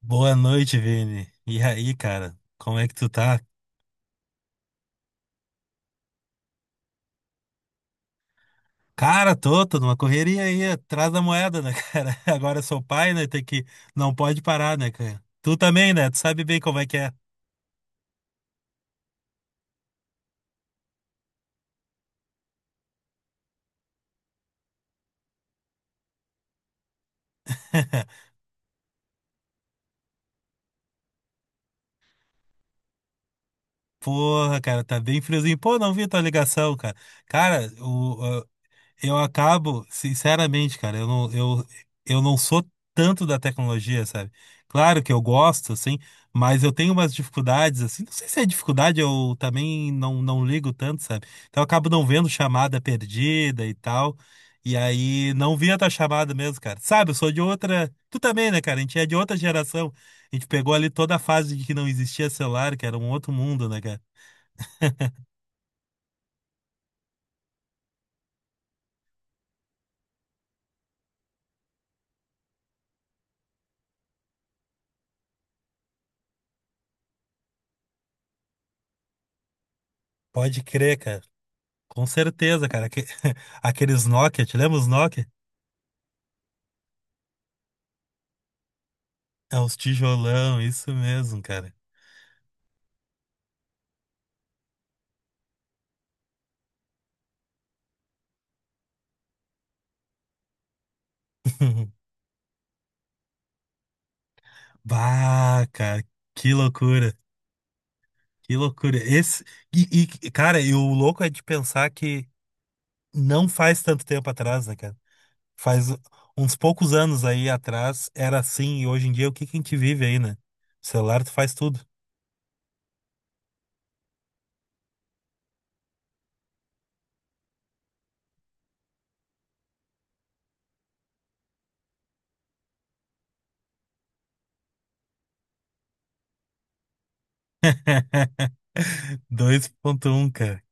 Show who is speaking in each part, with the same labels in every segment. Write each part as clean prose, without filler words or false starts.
Speaker 1: Boa noite, Vini. E aí, cara? Como é que tu tá? Cara, tô numa correria aí, atrás da moeda, né, cara? Agora eu sou pai, né? Tem que. Não pode parar, né, cara? Tu também, né? Tu sabe bem como é que é. Porra, cara, tá bem friozinho. Pô, não vi tua ligação, cara. Cara, o Eu acabo, sinceramente, cara, eu não sou tanto da tecnologia, sabe? Claro que eu gosto, assim, mas eu tenho umas dificuldades, assim, não sei se é dificuldade, eu também não ligo tanto, sabe? Então eu acabo não vendo chamada perdida e tal, e aí não vi a tua chamada mesmo, cara. Sabe, eu sou de outra, tu também, né, cara? A gente é de outra geração, a gente pegou ali toda a fase de que não existia celular, que era um outro mundo, né, cara? Pode crer, cara. Com certeza, cara. Aqueles Nokia, te lembra os Nokia? É os tijolão, isso mesmo, cara. Bah, cara, que loucura, que loucura. Esse, e, cara, e o louco é de pensar que não faz tanto tempo atrás, né, cara? Faz uns poucos anos aí atrás era assim, e hoje em dia o que que a gente vive aí, né? O celular tu faz tudo. 2.1, cara.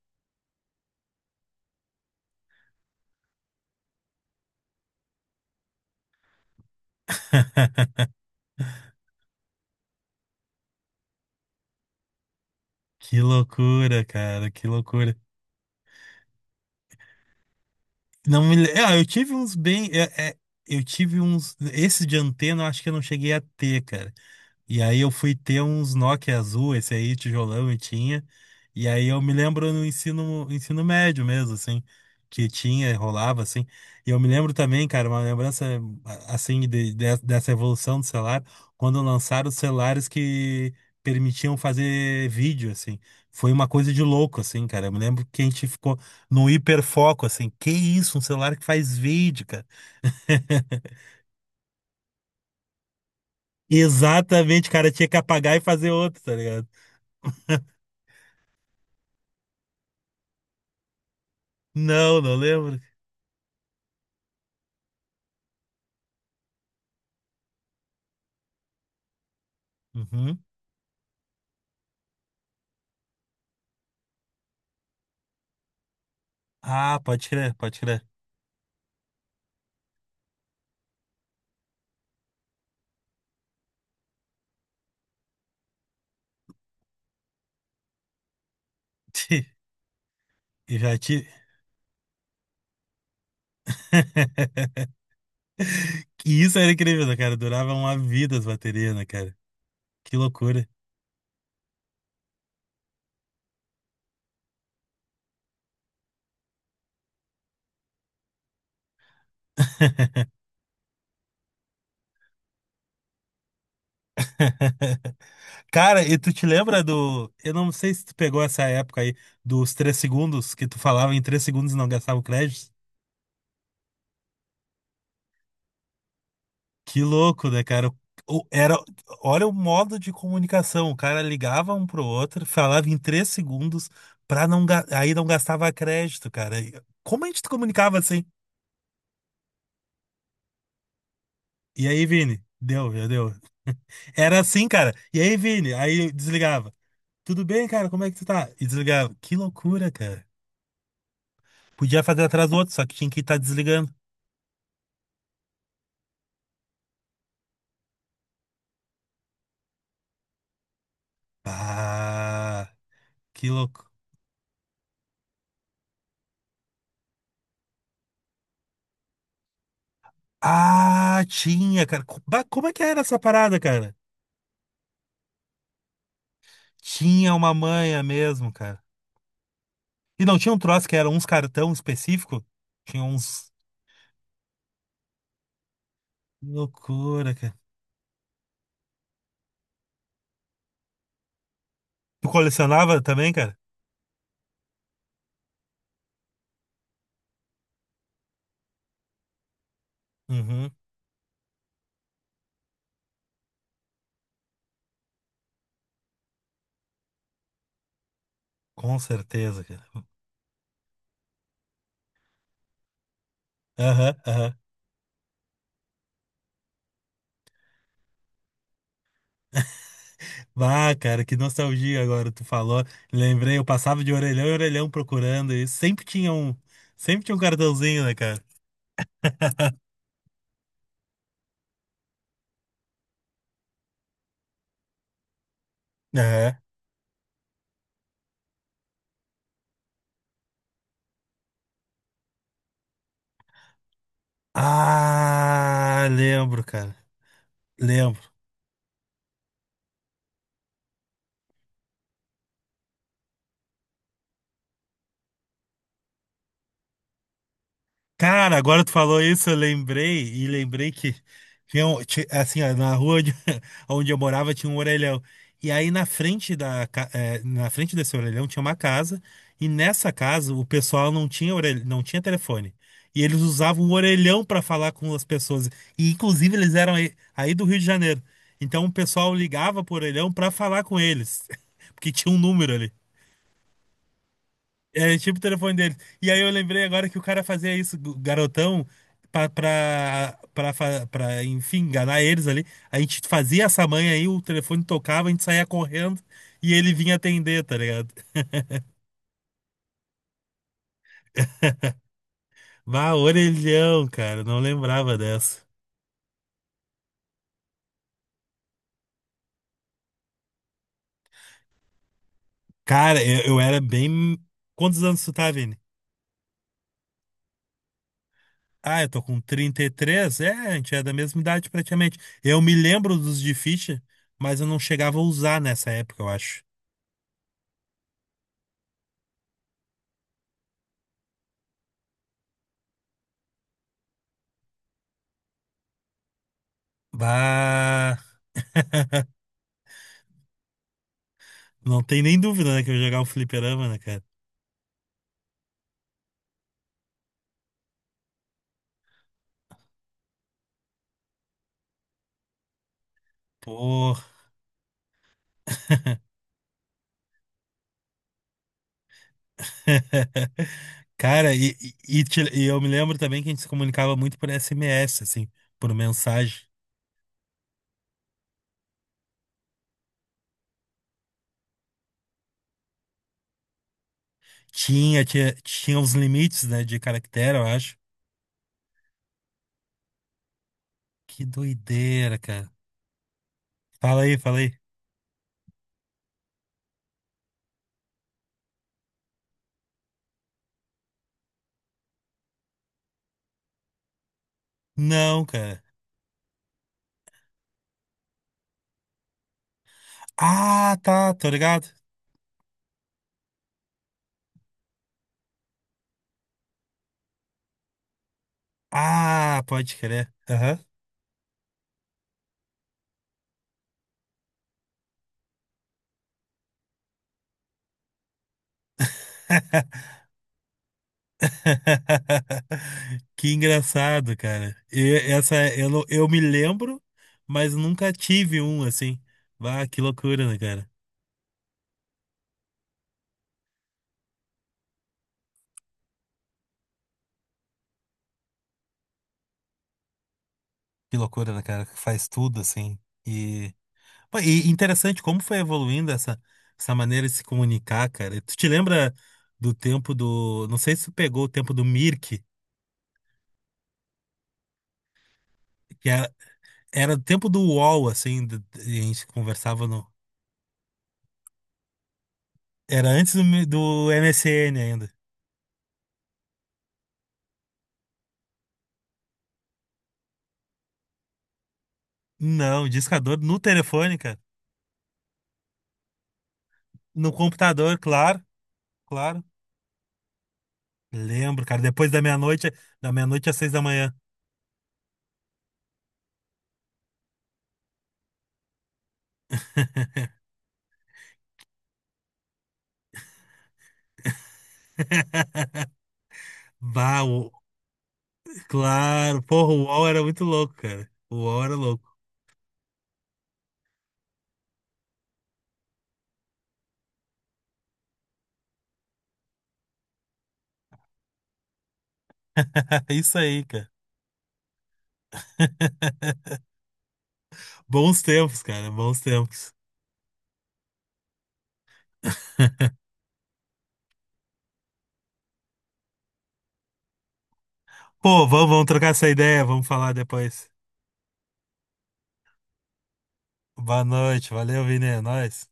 Speaker 1: Que loucura, cara, que loucura. Não me... le- Ah, eu tive uns bem. Eu tive uns. Esse de antena, eu acho que eu não cheguei a ter, cara. E aí eu fui ter uns Nokia azul, esse aí, tijolão, e tinha. E aí eu me lembro no ensino médio mesmo, assim, que tinha, rolava, assim. E eu me lembro também, cara, uma lembrança, assim, dessa evolução do celular, quando lançaram os celulares que permitiam fazer vídeo, assim. Foi uma coisa de louco, assim, cara. Eu me lembro que a gente ficou no hiperfoco, assim. Que isso, um celular que faz vídeo, cara. Exatamente, cara, tinha que apagar e fazer outro, tá ligado? Não, não lembro. Uhum. Ah, pode crer, pode crer. Eu já tive. Que isso era incrível, né, cara? Durava uma vida as baterias, né, cara? Que loucura. Cara, e tu te lembra do. Eu não sei se tu pegou essa época aí dos 3 segundos, que tu falava em 3 segundos e não gastava o crédito. Que louco, né, cara? Era, olha o modo de comunicação. O cara ligava um pro outro, falava em 3 segundos, pra não, ga- aí não gastava crédito, cara. E como a gente comunicava assim? E aí, Vini? Deu, já deu. Era assim, cara. E aí, Vini? Aí eu desligava. Tudo bem, cara? Como é que tu tá? E desligava. Que loucura, cara. Podia fazer atrás do outro, só que tinha que estar desligando. Ah, que louco. Ah, tinha, cara. Bah, como é que era essa parada, cara? Tinha uma manha mesmo, cara. E não tinha um troço que era uns cartão específico? Tinha uns. Que loucura, cara. Tu colecionava também, cara? Uhum. Com certeza, cara. Aham, aham. Ah, cara, que nostalgia agora tu falou. Lembrei, eu passava de orelhão em orelhão procurando e sempre tinha um. Sempre tinha um cartãozinho, né, cara? Aham. Ah, lembro, cara. Lembro. Cara, agora tu falou isso, eu lembrei, e lembrei que tinha, assim, ó, na rua onde, onde eu morava tinha um orelhão. E aí na frente da, na frente desse orelhão tinha uma casa, e nessa casa o pessoal não tinha orelha, não tinha telefone. E eles usavam o orelhão para falar com as pessoas. E inclusive eles eram aí do Rio de Janeiro. Então o pessoal ligava pro orelhão para falar com eles, porque tinha um número ali. É tipo o telefone dele. E aí eu lembrei agora que o cara fazia isso, garotão, pra, enfim, enganar eles ali. A gente fazia essa manha aí, o telefone tocava, a gente saía correndo e ele vinha atender, tá ligado? Bah orelhão, cara, não lembrava dessa. Cara, eu era bem. Quantos anos tu tá, Vini? Ah, eu tô com 33. É, a gente é da mesma idade praticamente. Eu me lembro dos de ficha, mas eu não chegava a usar nessa época, eu acho. Bah. Não tem nem dúvida, né, que eu ia jogar um fliperama, né, cara? Pô. Cara, e eu me lembro também que a gente se comunicava muito por SMS, assim, por mensagem. Tinha os limites, né, de caractere, eu acho. Que doideira, cara. Fala aí, fala aí. Não, cara. Ah, tá, tô ligado. Ah, pode crer. Aham. Que engraçado, cara. E essa eu, eu me lembro, mas nunca tive um assim. Ah, que loucura, né, cara? Que loucura, né, cara? Que faz tudo assim. E, Pô, e interessante como foi evoluindo essa maneira de se comunicar, cara. Tu te lembra do tempo do. Não sei se tu pegou o tempo do Mirk, que era o tempo do UOL, assim, e a gente conversava no. Era antes do MSN ainda. Não, discador no telefone. No computador, claro, claro. Lembro, cara. Depois da meia-noite às 6 da manhã. Bah, claro. Porra, o UOL era muito louco, cara. O UOL era louco. Isso aí, cara. Bons tempos, cara. Bons tempos. Pô, vamos trocar essa ideia. Vamos falar depois. Boa noite. Valeu, Vini. É nóis.